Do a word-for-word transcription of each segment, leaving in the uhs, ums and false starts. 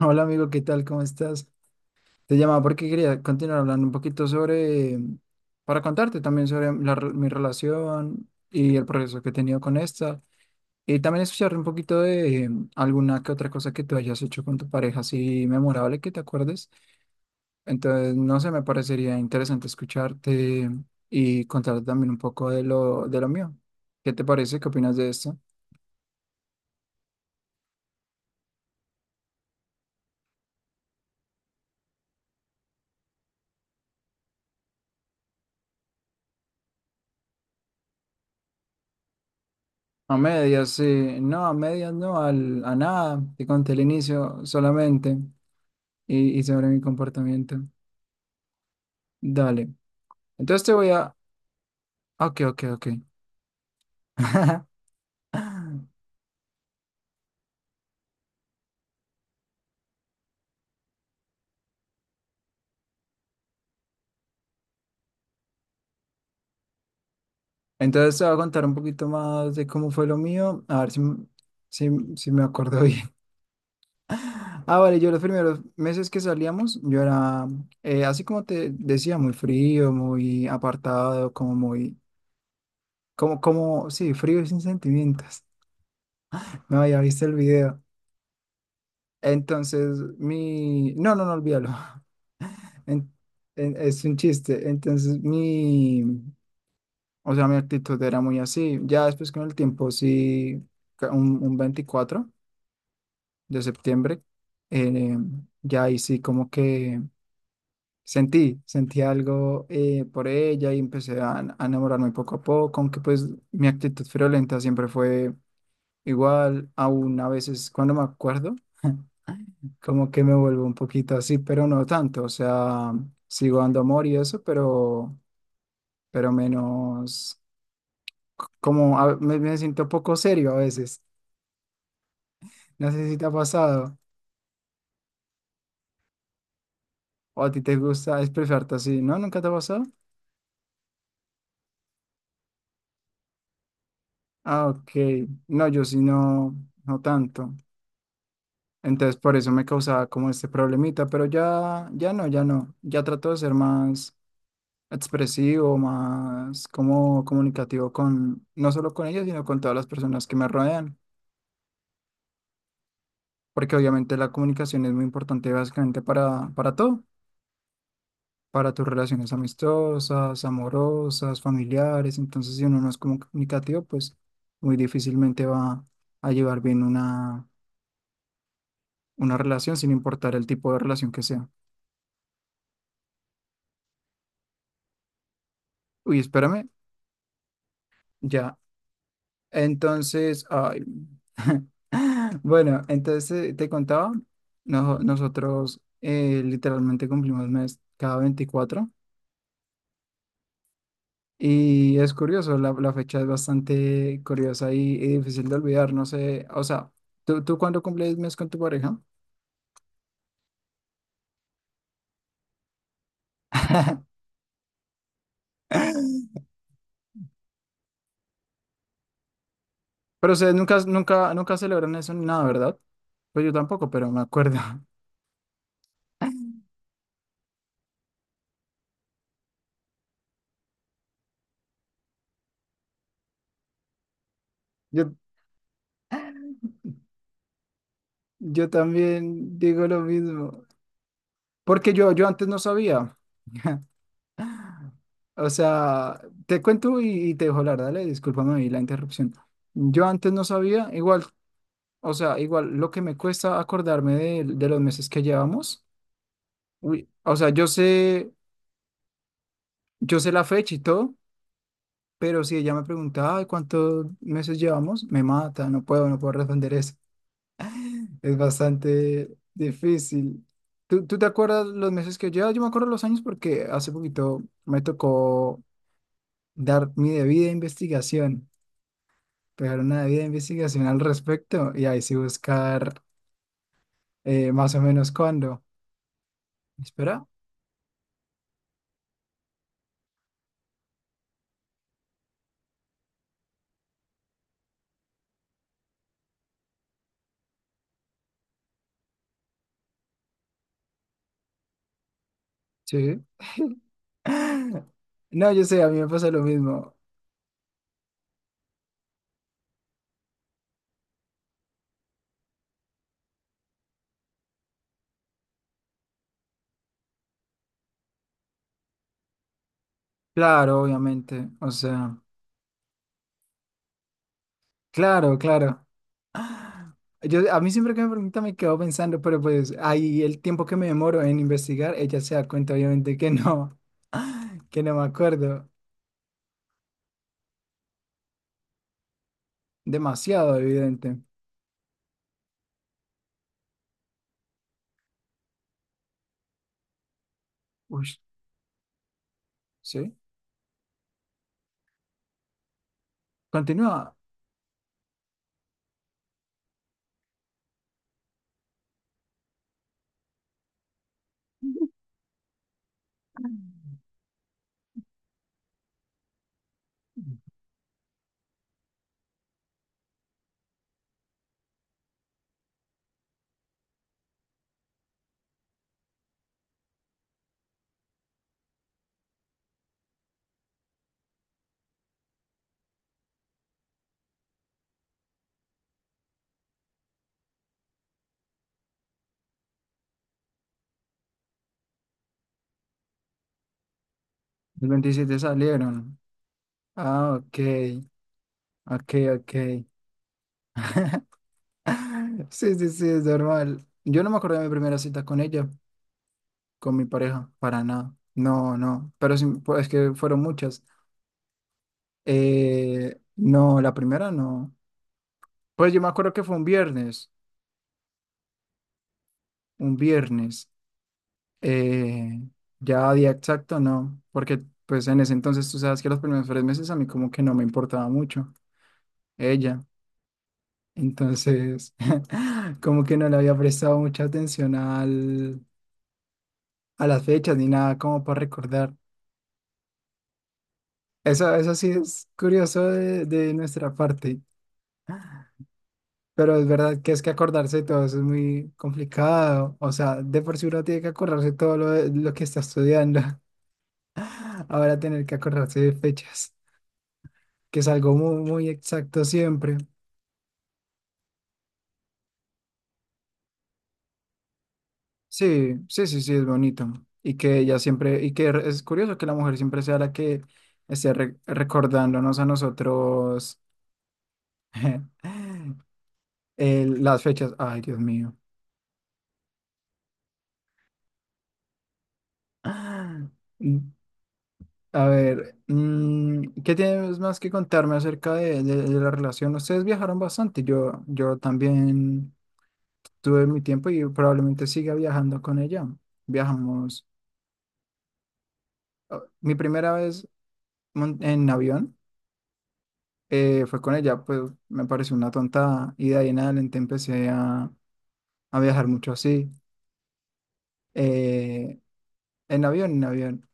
Hola amigo, ¿qué tal? ¿Cómo estás? Te llamaba porque quería continuar hablando un poquito sobre, para contarte también sobre la re- mi relación y el progreso que he tenido con esta. Y también escuchar un poquito de eh, alguna que otra cosa que tú hayas hecho con tu pareja, así memorable que te acuerdes. Entonces, no sé, me parecería interesante escucharte y contarte también un poco de lo, de lo mío. ¿Qué te parece? ¿Qué opinas de esto? A medias, sí. No, a medias no, al, a nada. Te conté el inicio solamente. y, y sobre mi comportamiento. Dale. Entonces te voy a... Ok, ok, ok. Entonces te voy a contar un poquito más de cómo fue lo mío. A ver si, m- si, si me acuerdo bien. Ah, vale, yo los primeros meses que salíamos, yo era, eh, así como te decía, muy frío, muy apartado, como muy, como, como, sí, frío y sin sentimientos. No, ya viste el video. Entonces, mi, no, no, no, olvídalo. En- en- es un chiste. Entonces, mi, o sea, mi actitud era muy así. Ya después con el tiempo, sí, ca- un, un veinticuatro de septiembre, eh, ya ahí sí como que sentí, sentí algo eh, por ella y empecé a, a enamorarme poco a poco, aunque pues mi actitud friolenta siempre fue igual, aún a veces cuando me acuerdo. Como que me vuelvo un poquito así, pero no tanto. O sea, sigo dando amor y eso, pero pero menos, como a- me, me siento poco serio a veces. No sé si te ha pasado o a ti te gusta expresarte así, ¿no? ¿Nunca te ha pasado? Ah, ok. No, yo sí no, no tanto. Entonces por eso me causaba como este problemita, pero ya, ya no, ya no. Ya trato de ser más expresivo, más como comunicativo con, no solo con ellos, sino con todas las personas que me rodean. Porque obviamente la comunicación es muy importante básicamente para, para todo. Para tus relaciones amistosas, amorosas, familiares. Entonces, si uno no es comunicativo, pues muy difícilmente va a llevar bien una, una relación, sin importar el tipo de relación que sea. Uy, espérame, ya. Entonces, ay. Bueno, entonces eh, te contaba, noso- nosotros eh, literalmente cumplimos mes cada veinticuatro. Y es curioso, la, la fecha es bastante curiosa y, y difícil de olvidar, no sé, o sea, ¿tú, tú cuándo cumples mes con tu pareja? Pero ustedes nunca, nunca, nunca celebran eso ni nada, ¿verdad? Pues yo tampoco, pero me acuerdo. Yo, yo también digo lo mismo, porque yo, yo antes no sabía. O sea, te cuento y, y te dejo hablar, dale, discúlpame ahí la interrupción. Yo antes no sabía, igual. O sea, igual lo que me cuesta acordarme de, de los meses que llevamos. Uy, o sea, yo sé, yo sé la fecha y todo, pero si ella me pregunta, "Ay, ¿cuántos meses llevamos?" Me mata, no puedo, no puedo responder eso. Es bastante difícil. ¿Tú, tú te acuerdas los meses que llevas? Yo me acuerdo los años porque hace poquito me tocó dar mi debida investigación, pegar una debida investigación al respecto y ahí sí buscar eh, más o menos cuándo. Espera, sí. No, yo sé, a mí me pasa lo mismo. Claro, obviamente. O sea, claro, claro. Yo, a mí siempre que me pregunta me quedo pensando, pero pues ahí el tiempo que me demoro en investigar, ella se da cuenta obviamente que no, que no me acuerdo. Demasiado evidente. Uy, ¿sí? Continúa. El veintisiete salieron. Ah, ok, ok, ok. Sí, sí, sí, es normal. Yo no me acuerdo de mi primera cita con ella, con mi pareja, para nada. No, no, pero sí, pues es que fueron muchas. Eh, no, la primera no. Pues yo me acuerdo que fue un viernes, un viernes. Eh, ya día exacto no, porque pues en ese entonces tú sabes que los primeros tres meses a mí como que no me importaba mucho ella. Entonces, como que no le había prestado mucha atención al, a las fechas ni nada como para recordar. Eso, eso sí es curioso de de nuestra parte. Pero es verdad que es que acordarse de todo eso es muy complicado. O sea, de por sí uno tiene que acordarse de todo lo, de- lo que está estudiando. Ahora tener que acordarse de fechas, que es algo muy, muy exacto siempre. Sí, sí, sí, sí, es bonito. Y que ella siempre, y que re- es curioso que la mujer siempre sea la que esté re- recordándonos a nosotros el- las fechas. Ay, Dios mío. A ver, mm, ¿qué tienes más que contarme acerca de, de- de la relación? Ustedes viajaron bastante, yo, yo también tuve mi tiempo y probablemente siga viajando con ella. Viajamos, ah, mi primera vez mon- en avión eh, fue con ella, pues me pareció una tonta y de ahí en adelante empecé a, a viajar mucho así, eh, en avión, en avión.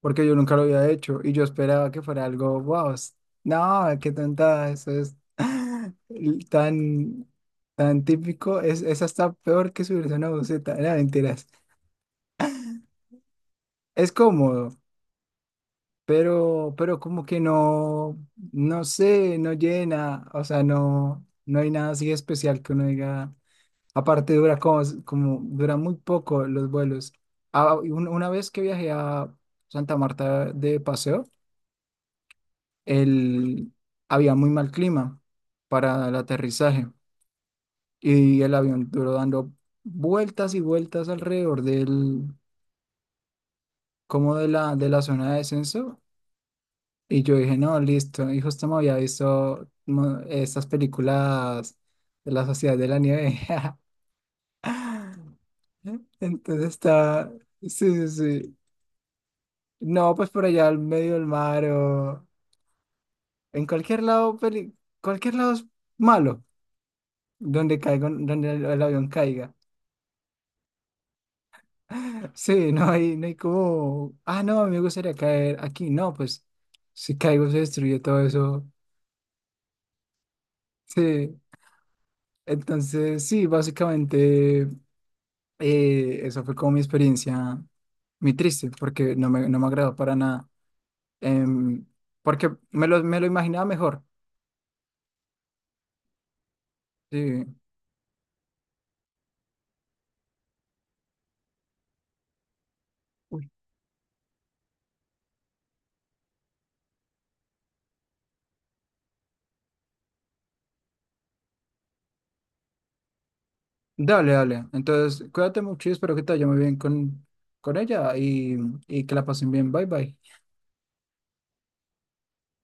Porque yo nunca lo había hecho y yo esperaba que fuera algo, wow, s- no, qué tonta, eso es tan, tan típico, es, es hasta peor que subirse a una buceta, no, mentiras, es cómodo, pero, pero como que no, no sé, no llena, o sea, no, no hay nada así especial que uno diga, aparte dura como, como dura muy poco los vuelos. Ah, y un- una vez que viajé a Santa Marta de paseo, el, había muy mal clima para el aterrizaje y el avión duró dando vueltas y vueltas alrededor del, como de la, de la zona de descenso. Y yo dije, no, listo. Y justo me había visto mo- estas películas de la Sociedad de la Nieve. Entonces está, sí, sí, sí. No, pues por allá al medio del mar o en cualquier lado, peli- cualquier lado es malo. Donde caiga, donde el, el avión caiga. Sí, no hay, no hay como, ah, no, me gustaría caer aquí. No, pues si caigo se destruye todo eso. Sí, entonces sí, básicamente eh, eso fue como mi experiencia, muy triste, porque no me, no me agradó para nada. Em, porque me lo, me lo imaginaba mejor. Sí. Uy. Dale, dale. Entonces, cuídate mucho y espero que te vaya muy bien con, con ella y, y que la pasen bien. Bye, bye.